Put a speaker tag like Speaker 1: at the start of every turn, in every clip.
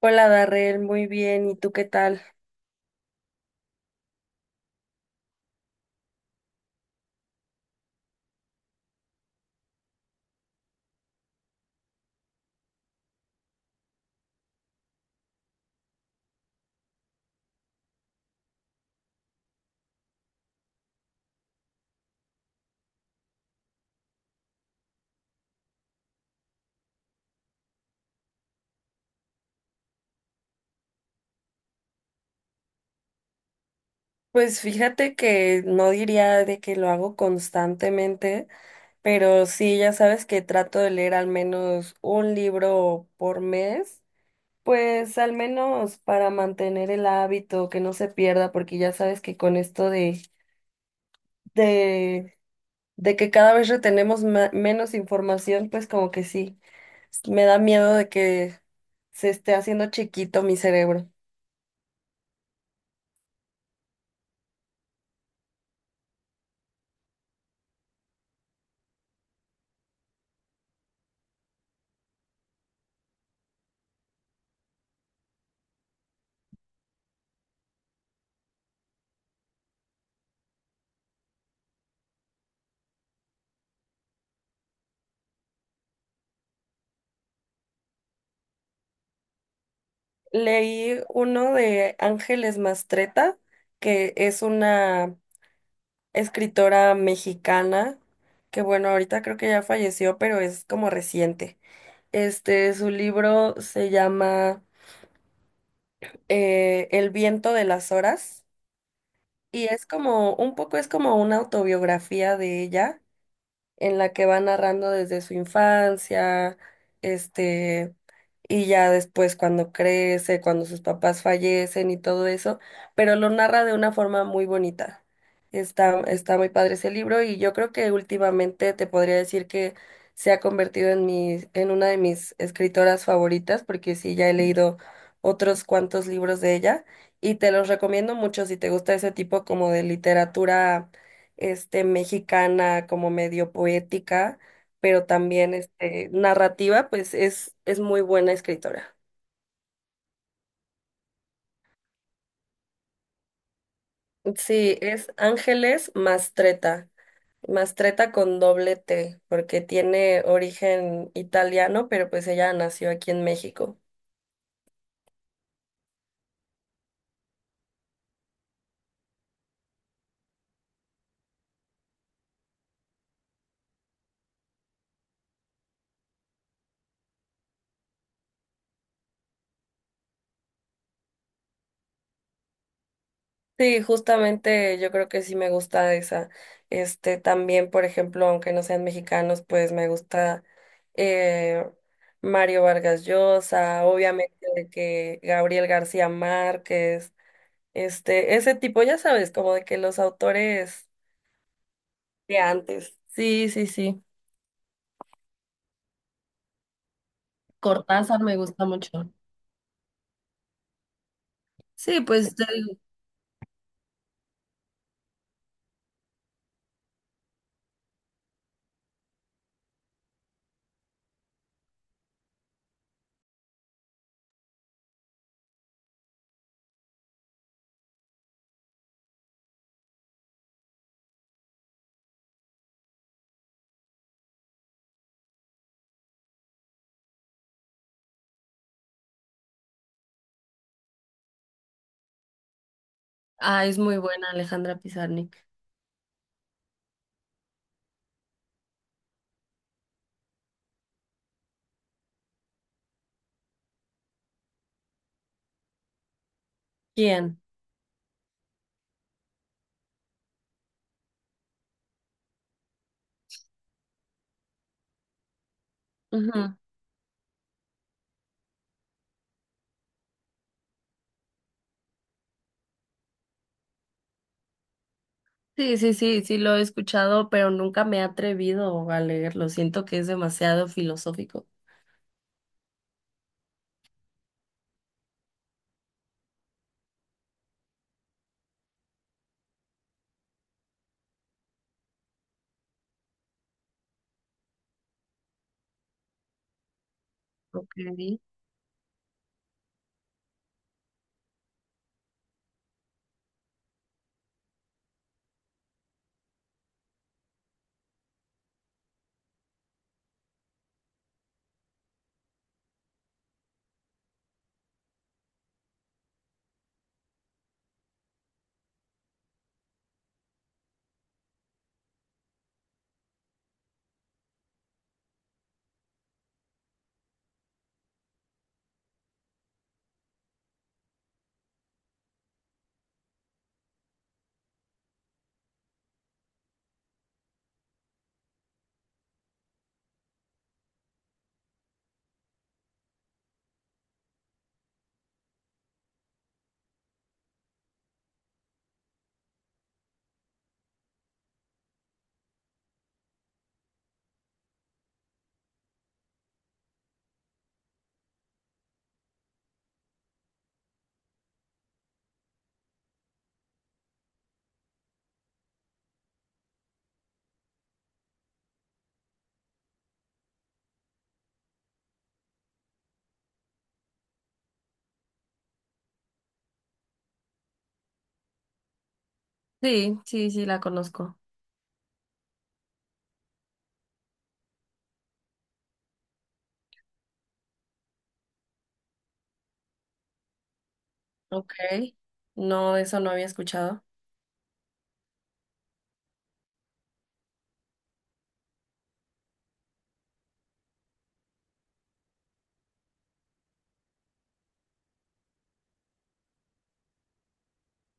Speaker 1: Hola Darrell, muy bien. ¿Y tú qué tal? Pues fíjate que no diría de que lo hago constantemente, pero sí, ya sabes que trato de leer al menos un libro por mes, pues al menos para mantener el hábito, que no se pierda, porque ya sabes que con esto de, de que cada vez retenemos menos información, pues como que sí, me da miedo de que se esté haciendo chiquito mi cerebro. Leí uno de Ángeles Mastreta, que es una escritora mexicana, que bueno, ahorita creo que ya falleció, pero es como reciente. Este, su libro se llama El viento de las horas y es como, un poco es como una autobiografía de ella en la que va narrando desde su infancia, este, y ya después cuando crece, cuando sus papás fallecen y todo eso, pero lo narra de una forma muy bonita. Está muy padre ese libro y yo creo que últimamente te podría decir que se ha convertido en una de mis escritoras favoritas, porque sí, ya he leído otros cuantos libros de ella y te los recomiendo mucho si te gusta ese tipo como de literatura este, mexicana, como medio poética, pero también este, narrativa, pues es muy buena escritora. Sí, es Ángeles Mastretta, Mastretta con doble T, porque tiene origen italiano, pero pues ella nació aquí en México. Sí, justamente yo creo que sí me gusta esa. Este también, por ejemplo, aunque no sean mexicanos, pues me gusta eh, Mario Vargas Llosa, obviamente de que Gabriel García Márquez, este, ese tipo, ya sabes, como de que los autores de antes. Sí, sí, sí. Cortázar me gusta mucho. Sí, pues te digo, ah, es muy buena Alejandra Pizarnik. ¿Quién? Ujú. Sí, sí, sí, sí lo he escuchado, pero nunca me he atrevido a leerlo. Siento que es demasiado filosófico. Ok. Sí, sí, sí, la conozco. Ok. No, eso no había escuchado.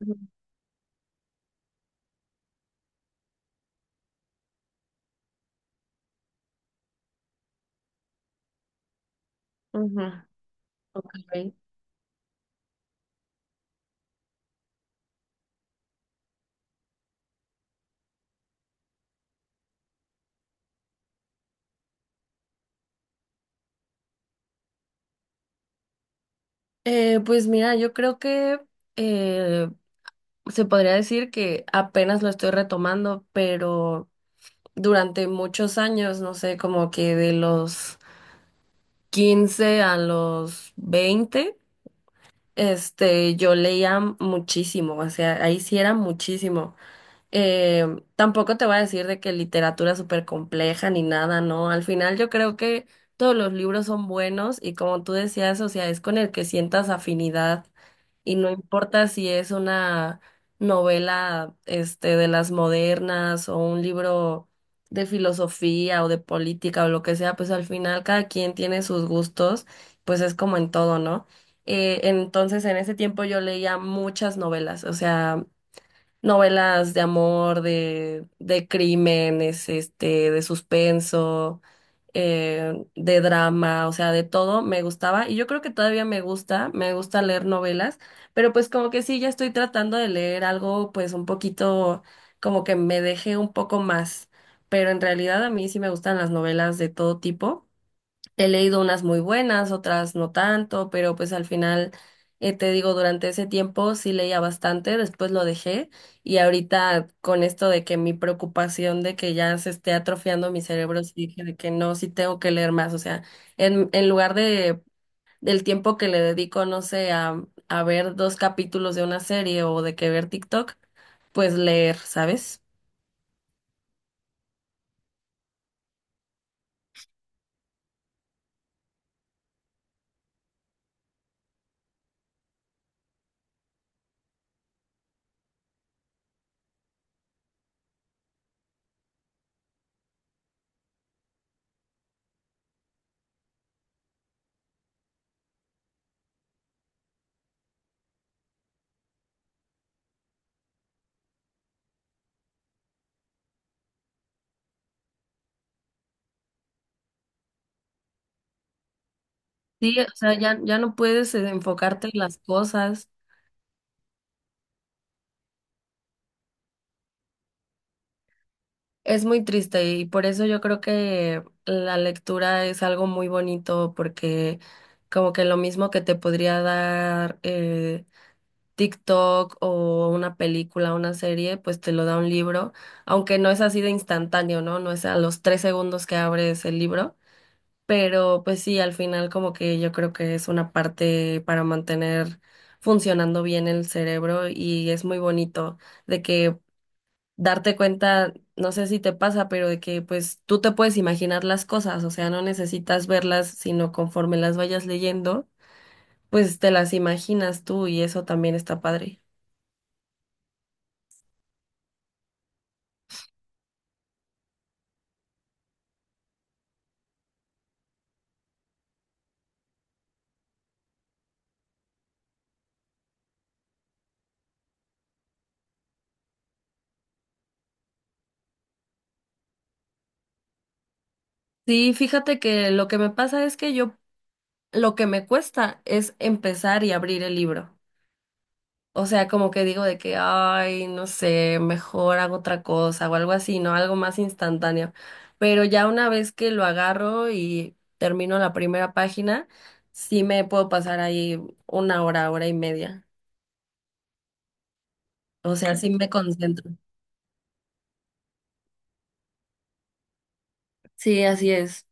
Speaker 1: Ujú. Ujú, ok. Pues mira, yo creo que eh, se podría decir que apenas lo estoy retomando, pero durante muchos años, no sé, como que de los 15 a los 20. Este, yo leía muchísimo, o sea, ahí sí era muchísimo. Eh, tampoco te voy a decir de que literatura súper compleja ni nada, ¿no? Al final yo creo que todos los libros son buenos y como tú decías, o sea, es con el que sientas afinidad y no importa si es una novela este de las modernas o un libro de filosofía o de política o lo que sea, pues al final cada quien tiene sus gustos, pues es como en todo, ¿no? Entonces en ese tiempo yo leía muchas novelas, o sea, novelas de amor, de, crímenes, este, de suspenso, de drama, o sea, de todo me gustaba y yo creo que todavía me gusta leer novelas, pero pues como que sí, ya estoy tratando de leer algo pues un poquito como que me deje un poco más, pero en realidad a mí sí me gustan las novelas de todo tipo. He leído unas muy buenas, otras no tanto, pero pues al final, te digo, durante ese tiempo sí leía bastante, después lo dejé y ahorita con esto de que mi preocupación de que ya se esté atrofiando mi cerebro, sí dije de que no, sí tengo que leer más, o sea, en, lugar de del tiempo que le dedico, no sé, a ver dos capítulos de una serie o de que ver TikTok, pues leer, ¿sabes? Sí, o sea, ya, ya no puedes enfocarte en las cosas. Es muy triste y por eso yo creo que la lectura es algo muy bonito porque como que lo mismo que te podría dar TikTok o una película, una serie, pues te lo da un libro, aunque no es así de instantáneo, ¿no? No es a los 3 segundos que abres el libro, pero pues sí, al final como que yo creo que es una parte para mantener funcionando bien el cerebro y es muy bonito de que darte cuenta, no sé si te pasa, pero de que pues tú te puedes imaginar las cosas, o sea, no necesitas verlas, sino conforme las vayas leyendo, pues te las imaginas tú y eso también está padre. Sí, fíjate que lo que me pasa es que yo, lo que me cuesta es empezar y abrir el libro. O sea, como que digo de que, ay, no sé, mejor hago otra cosa o algo así, ¿no? Algo más instantáneo. Pero ya una vez que lo agarro y termino la primera página, sí me puedo pasar ahí una hora, hora y media. O sea, sí me concentro. Sí, así es.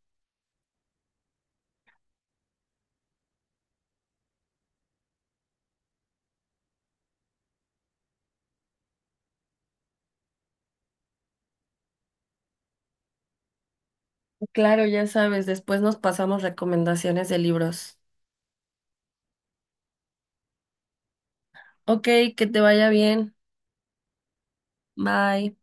Speaker 1: Claro, ya sabes, después nos pasamos recomendaciones de libros. Ok, que te vaya bien. Bye.